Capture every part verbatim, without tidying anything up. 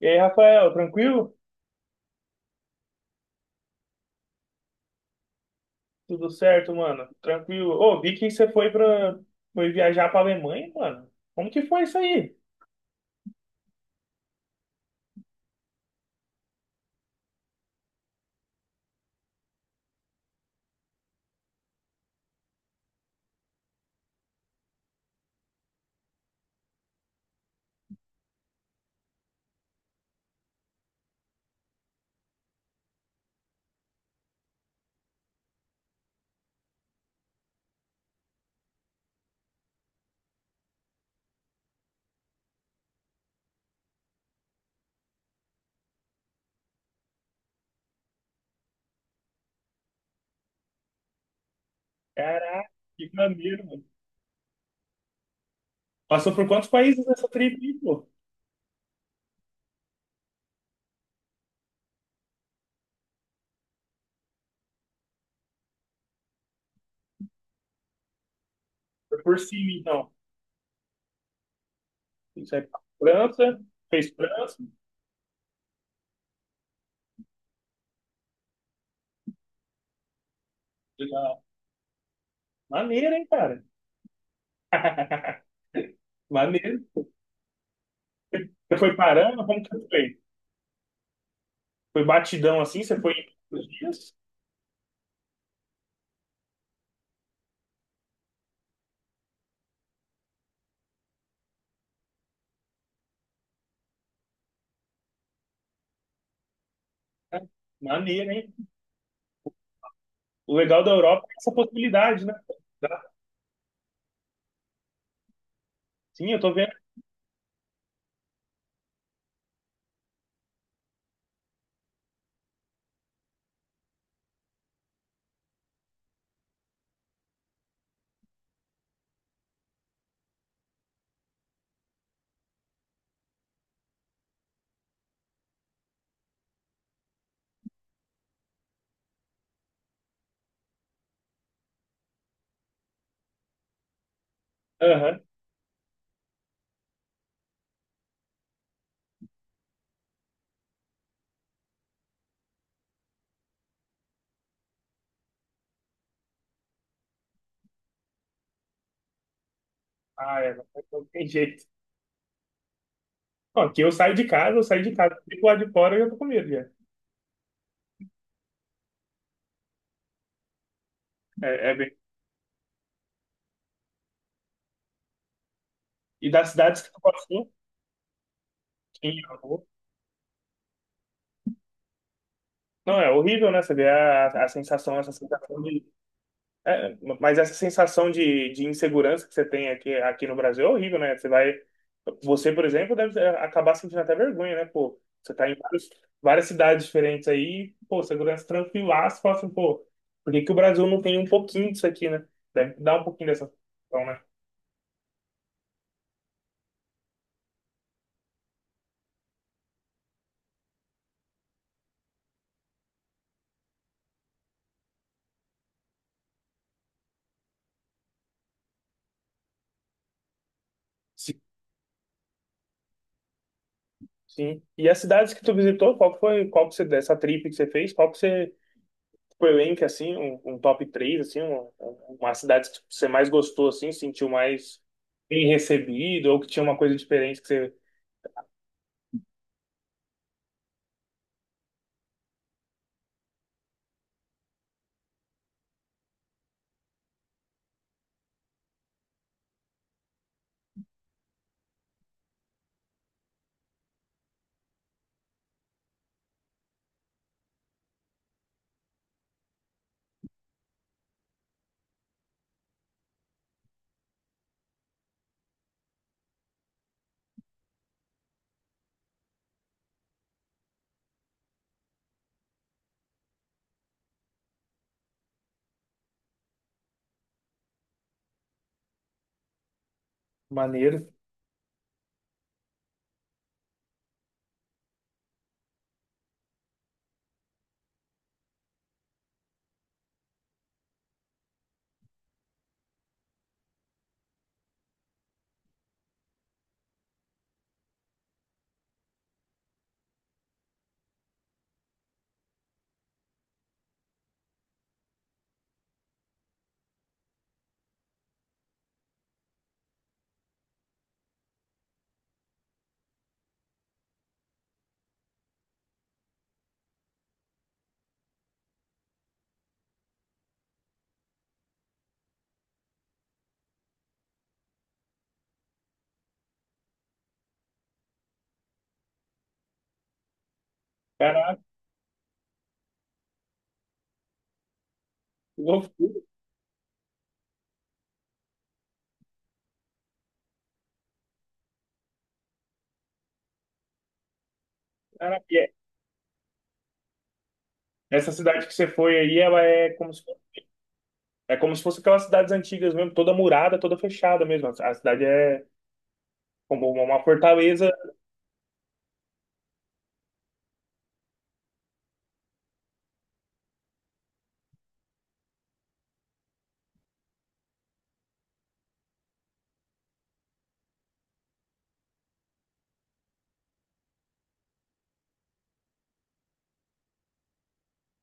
E aí, Rafael, tranquilo? Tudo certo, mano? Tranquilo. Ô, vi que você foi pra... foi viajar pra Alemanha, mano. Como que foi isso aí? Caraca, que maneiro, mano. Passou por quantos países nessa trip, aí, pô? Foi por cima, então. Isso é França, fez França. Legal. Maneiro, hein, cara? Maneiro. Você foi parando? Como que foi? Foi batidão assim? Você foi em os dias? É, maneiro, hein? O legal da Europa é essa possibilidade, né? Dá- Sim, eu tô vendo. Aham. Ah, é, não tem jeito. Bom, que eu saio de casa, eu saio de casa, fico lá de fora e eu tô com medo já. É, é bem... E das cidades que tu passou, em avô. Não, é horrível, né? Você vê a, a sensação, essa sensação de. É, mas essa sensação de, de insegurança que você tem aqui, aqui no Brasil é horrível, né? Você vai. Você, por exemplo, deve acabar sentindo até vergonha, né? Pô, você tá em vários- várias cidades diferentes aí, pô, segurança tranquilaço, fala assim, pô, por que que o Brasil não tem um pouquinho disso aqui, né? Deve dar um pouquinho dessa sensação, né? Sim. E as cidades que tu visitou, qual que foi, qual que você, dessa trip que você fez, qual que você, tipo, elenque, assim, um, um top três assim, uma, uma cidade que você mais gostou, assim, sentiu mais bem recebido, ou que tinha uma coisa diferente que você... Maneiro. Caraca, que loucura, cara. E é- Essa cidade que você foi aí, ela é como se, é como se fosse aquelas cidades antigas mesmo, toda murada, toda fechada mesmo. A a cidade é como uma fortaleza.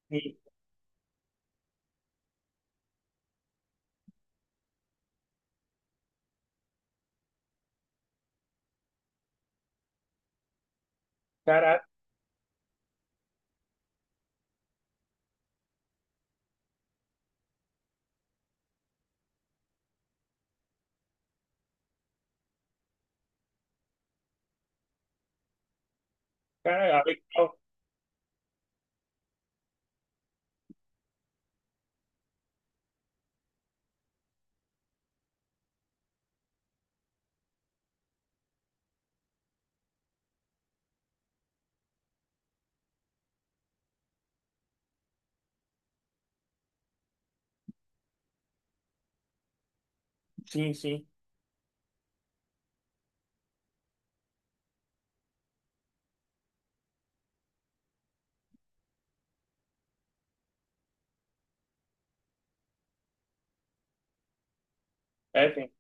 Sim. Caraca, caraca, legal. Sim, sim. É, tem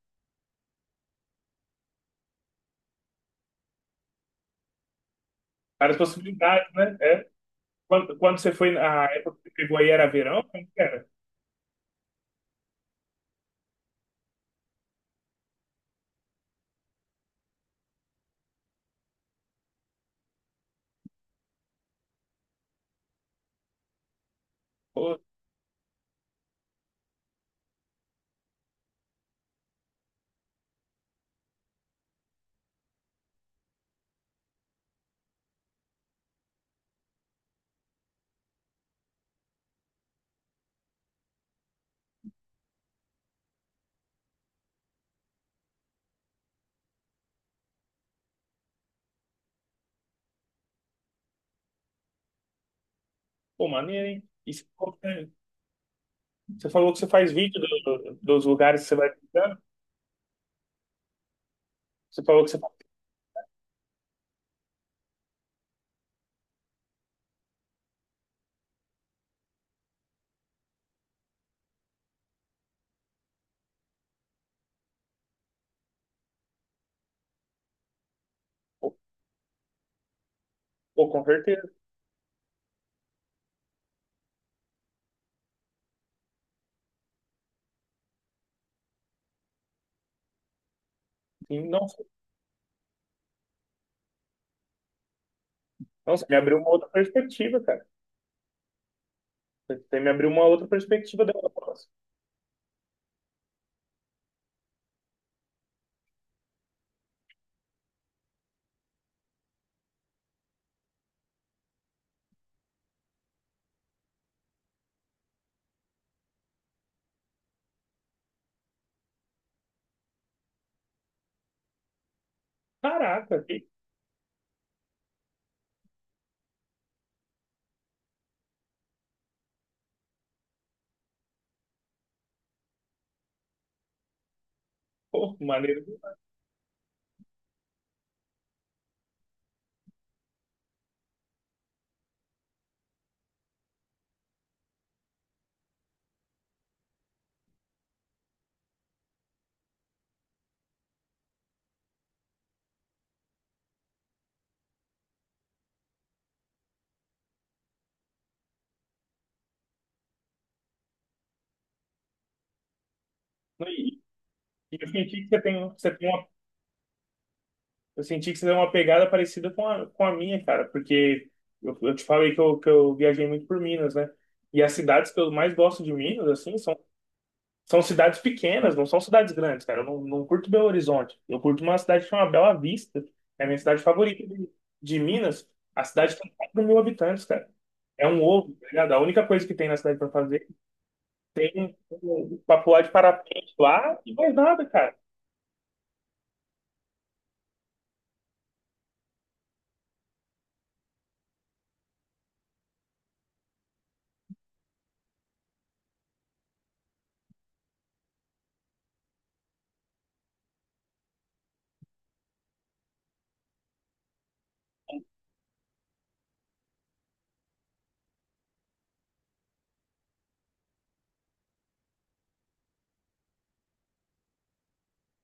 várias possibilidades, né? É. Quando, quando você foi na época que você pegou aí, era verão? Como que era? Pô, pô, maneiro, hein? E você falou que você falou que você faz vídeo do- do- dos lugares que você vai visitando. Você falou que você faz. Pô, pô, com certeza. E, nossa, nossa, me abriu uma outra perspectiva, cara. Você me abriu uma outra perspectiva da nossa. Caraca, que pô, maneiro. Demais. E, e eu senti que você tem, você tem uma, eu senti que você tem uma pegada parecida com a, com a minha, cara, porque eu, eu te falei que eu, que eu viajei muito por Minas, né? E as cidades que eu mais gosto de Minas, assim, são são cidades pequenas, não são cidades grandes, cara. Eu não, não curto Belo Horizonte. Eu curto uma cidade que chama Bela Vista. É a minha cidade favorita de, de Minas. A cidade tem quatro mil habitantes, cara. É um ovo, tá ligado? A única coisa que tem na cidade pra fazer tem um- pra pular de parapente lá e mais nada, cara.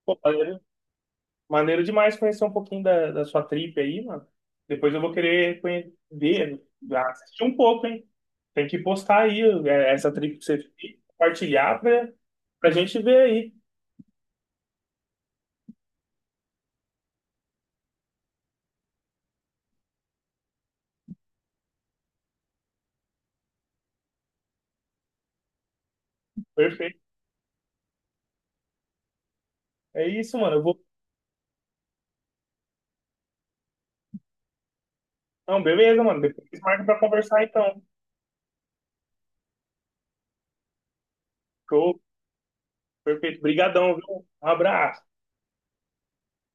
Pô, maneiro, maneiro demais conhecer um pouquinho da, da sua trip aí, mano. Depois eu vou querer conhe- ver, assistir um pouco, hein? Tem que postar aí é, essa trip que você fez, compartilhar pra, pra gente ver aí. Perfeito. É isso, mano. Eu vou. Não, beleza, mano. Depois marca pra conversar então. Show. Perfeito. Brigadão, viu? Um abraço.